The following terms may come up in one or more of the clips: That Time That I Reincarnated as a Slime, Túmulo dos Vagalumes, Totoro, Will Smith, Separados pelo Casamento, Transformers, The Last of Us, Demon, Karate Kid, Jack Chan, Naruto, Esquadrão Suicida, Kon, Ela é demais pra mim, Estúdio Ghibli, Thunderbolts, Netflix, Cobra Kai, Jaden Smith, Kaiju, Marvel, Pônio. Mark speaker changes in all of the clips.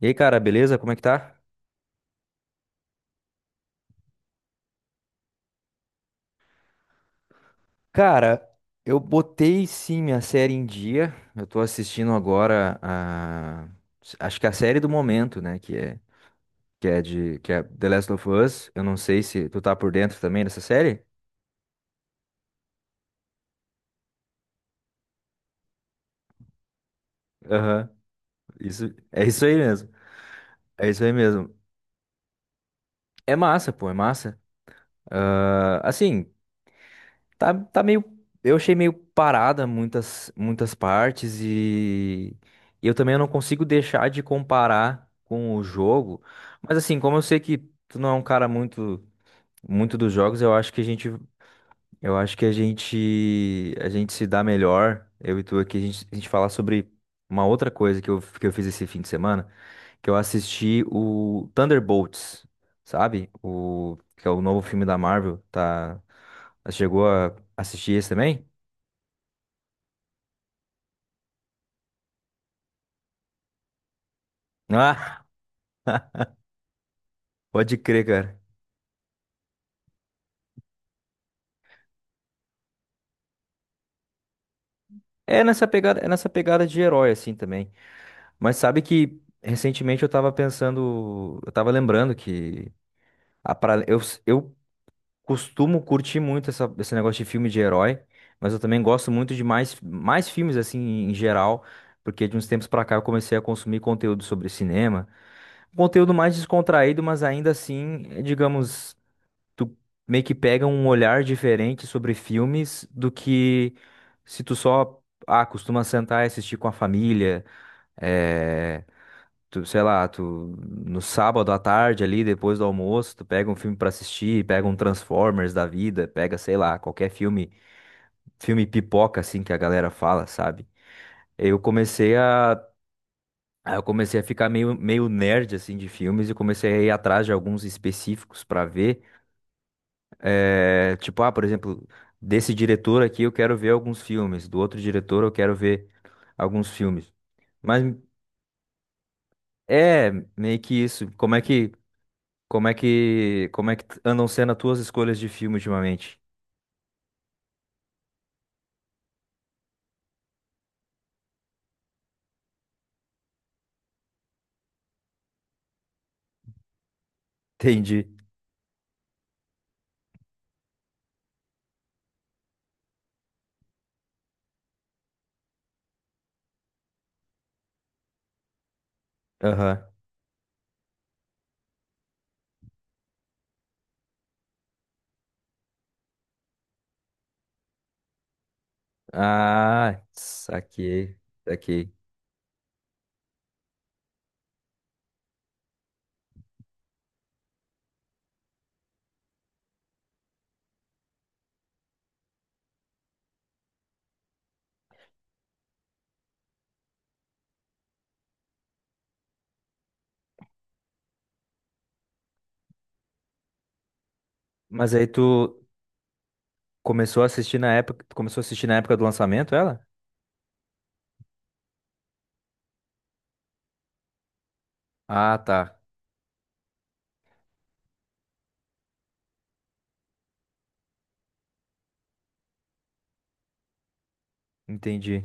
Speaker 1: E aí, cara, beleza? Como é que tá? Cara, eu botei sim minha série em dia. Eu tô assistindo agora a. Acho que a série do momento, né? Que é de. Que é The Last of Us. Eu não sei se tu tá por dentro também dessa série. Aham. Isso, é isso aí mesmo. É isso aí mesmo. É massa, pô, é massa. Ah, assim. Tá, tá meio. Eu achei meio parada muitas partes e eu também não consigo deixar de comparar com o jogo. Mas assim, como eu sei que tu não é um cara muito dos jogos, eu acho que a gente se dá melhor, eu e tu aqui, a gente falar sobre uma outra coisa que eu fiz esse fim de semana que eu assisti o Thunderbolts, sabe? O que é o novo filme da Marvel, tá? Chegou a assistir esse também? Ah, pode crer, cara. É nessa pegada de herói assim também. Mas sabe que recentemente eu tava pensando, eu tava lembrando que a pra, eu, eu costumo curtir muito esse negócio de filme de herói, mas eu também gosto muito de mais, mais filmes assim em geral, porque de uns tempos pra cá eu comecei a consumir conteúdo sobre cinema. Conteúdo mais descontraído, mas ainda assim, digamos, tu meio que pega um olhar diferente sobre filmes do que se tu só, ah, costuma sentar e assistir com a família, eh, tu, sei lá, tu no sábado à tarde ali, depois do almoço, tu pega um filme pra assistir, pega um Transformers da vida, pega, sei lá, qualquer filme, filme pipoca assim que a galera fala, sabe? Eu comecei a Aí eu comecei a ficar meio, meio nerd, assim, de filmes e comecei a ir atrás de alguns específicos pra ver. Tipo, ah, por exemplo, desse diretor aqui eu quero ver alguns filmes, do outro diretor eu quero ver alguns filmes. Mas é meio que isso. Como é que andam sendo as tuas escolhas de filme ultimamente? Entendi. Aham. Ah, saquei, saquei. Mas aí tu começou a assistir na época do lançamento, ela? Ah, tá. Entendi.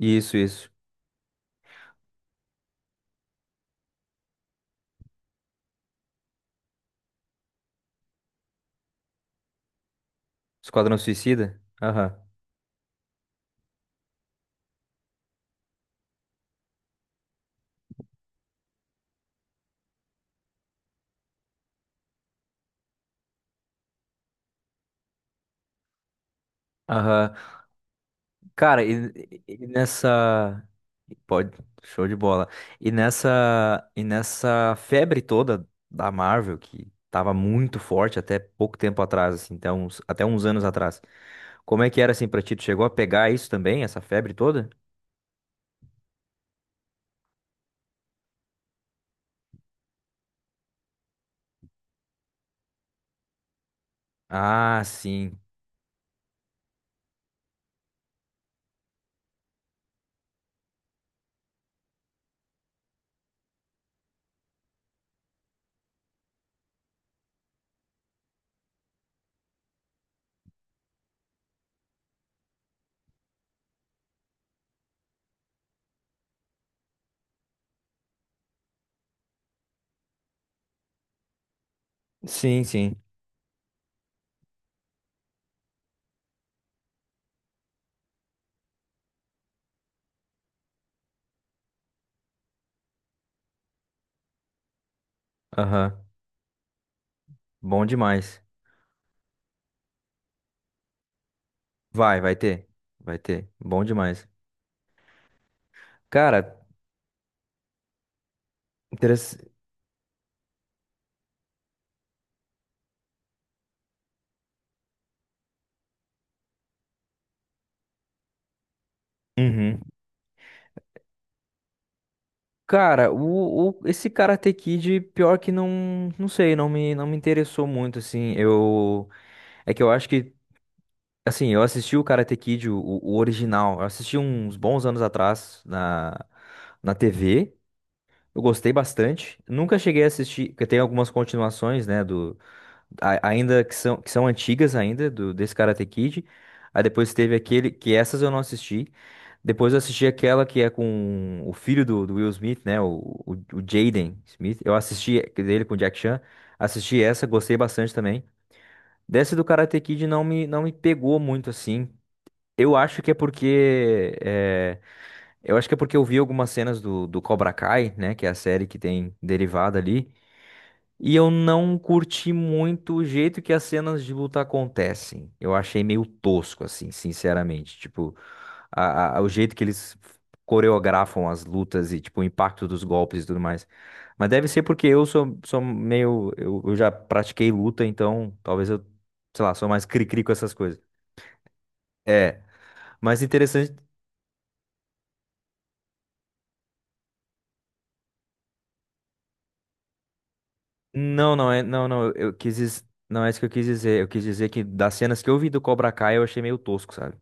Speaker 1: Isso, isso. Esquadrão Suicida? Aham. Aham. Cara, e nessa. Pode. Show de bola. E nessa. E nessa febre toda da Marvel, que tava muito forte até pouco tempo atrás, assim, até uns anos atrás. Como é que era assim pra ti? Tu chegou a pegar isso também, essa febre toda? Ah, sim. Sim, sim. Aham. Bom demais. Vai, vai ter. Vai ter. Bom demais. Cara, interessante. Cara, esse Karate Kid, pior que não, não sei, não me interessou muito, assim, é que eu acho que, assim, eu assisti o Karate Kid, o original, eu assisti uns bons anos atrás na, na TV, eu gostei bastante, nunca cheguei a assistir, porque tem algumas continuações, né, que são antigas ainda, desse Karate Kid. Aí depois teve aquele, que essas eu não assisti. Depois eu assisti aquela que é com o filho do Will Smith, né? O Jaden Smith. Eu assisti a dele com o Jack Chan. Assisti essa, gostei bastante também. Dessa do Karate Kid não me pegou muito assim. Eu acho que é porque. é, eu acho que é porque eu vi algumas cenas do Cobra Kai, né? Que é a série que tem derivada ali. E eu não curti muito o jeito que as cenas de luta acontecem. Eu achei meio tosco, assim, sinceramente. Tipo, o jeito que eles coreografam as lutas e, tipo, o impacto dos golpes e tudo mais. Mas deve ser porque eu sou meio. Eu já pratiquei luta, então sei lá, sou mais cri-cri com essas coisas. É, mas interessante. Não, não é, não, não, eu quis, não é isso que eu quis dizer. Eu quis dizer que das cenas que eu vi do Cobra Kai eu achei meio tosco, sabe?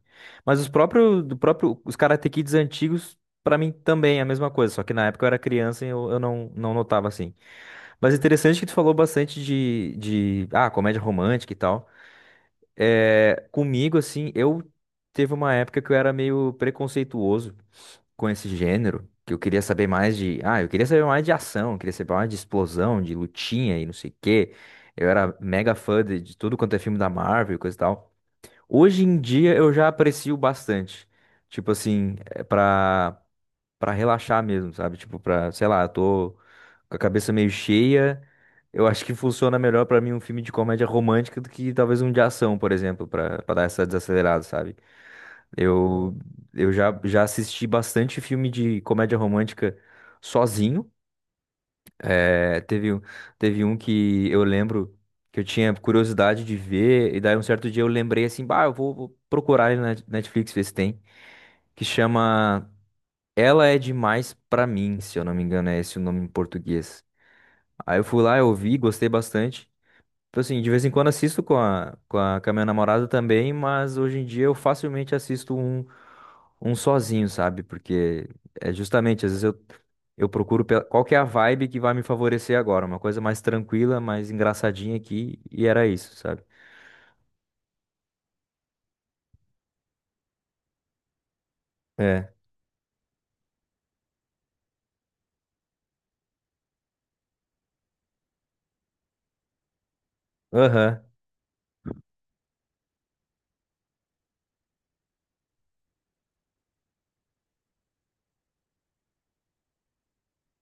Speaker 1: Mas os próprios, do próprio, os Karate Kids antigos, pra mim também é a mesma coisa, só que na época eu era criança e eu não, não notava assim. Mas interessante que tu falou bastante ah, comédia romântica e tal. É, comigo, assim, eu teve uma época que eu era meio preconceituoso com esse gênero, que eu queria saber mais de, ah, eu queria saber mais de ação, eu queria saber mais de explosão, de lutinha e não sei o quê. Eu era mega fã de tudo quanto é filme da Marvel e coisa e tal. Hoje em dia eu já aprecio bastante. Tipo assim, é pra. Pra relaxar mesmo, sabe? Tipo, pra, sei lá, eu tô com a cabeça meio cheia. Eu acho que funciona melhor pra mim um filme de comédia romântica do que talvez um de ação, por exemplo, pra, pra dar essa desacelerada, sabe? Eu, já assisti bastante filme de comédia romântica sozinho. É, teve, um- teve um que eu lembro que eu tinha curiosidade de ver, e daí um certo dia eu lembrei assim, bah, vou procurar ele na Netflix, ver se tem, que chama ela é demais pra mim, se eu não me engano, é esse o nome em português. Aí eu fui lá, eu ouvi, gostei bastante. Tipo assim, de vez em quando assisto com a minha namorada também, mas hoje em dia eu facilmente assisto um sozinho, sabe? Porque é justamente, eu procuro qual que é a vibe que vai me favorecer agora. Uma coisa mais tranquila, mais engraçadinha aqui, e era isso, sabe? É. Aham.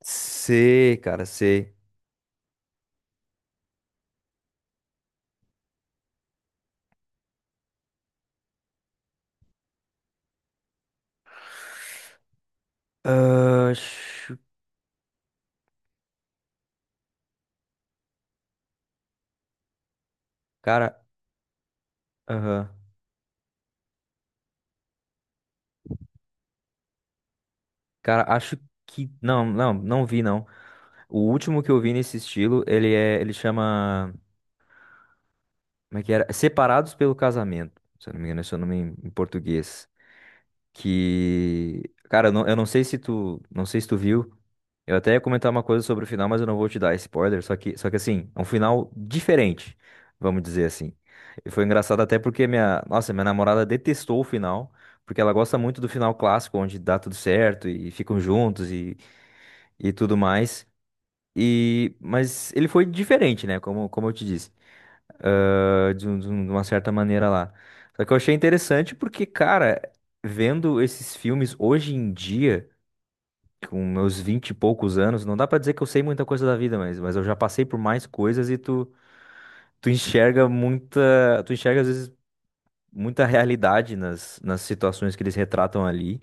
Speaker 1: Sei, cara, sei. Ah, chu- cara, aham. Cara, acho que. Não, não, não vi, não. O último que eu vi nesse estilo, ele é. Ele chama. Como é que era? Separados pelo Casamento. Se eu não me engano, esse é o nome em em português. Que. Cara, eu não sei se tu. Não sei se tu viu. Eu até ia comentar uma coisa sobre o final, mas eu não vou te dar spoiler. Só que assim, é um final diferente, vamos dizer assim. E foi engraçado até porque minha. Nossa, minha namorada detestou o final. Porque ela gosta muito do final clássico, onde dá tudo certo e ficam juntos e tudo mais. E, mas ele foi diferente, né? Como, como eu te disse, de uma certa maneira lá. Só que eu achei interessante porque, cara, vendo esses filmes hoje em dia, com meus vinte e poucos anos, não dá pra dizer que eu sei muita coisa da vida, mas eu já passei por mais coisas e tu, tu enxerga às vezes muita realidade nas situações que eles retratam ali.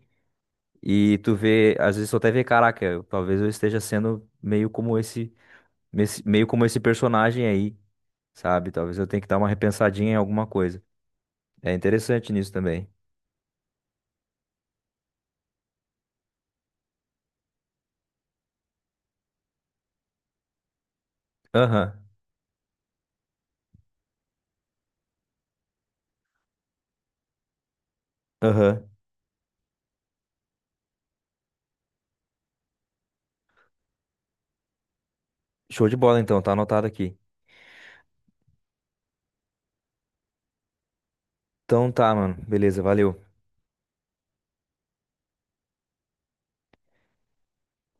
Speaker 1: E tu vê, às vezes tu até vê, caraca, talvez eu esteja sendo meio como meio como esse personagem aí. Sabe? Talvez eu tenha que dar uma repensadinha em alguma coisa. É interessante nisso também. Aham, aham. Show de bola então, tá anotado aqui. Então tá, mano. Beleza, valeu.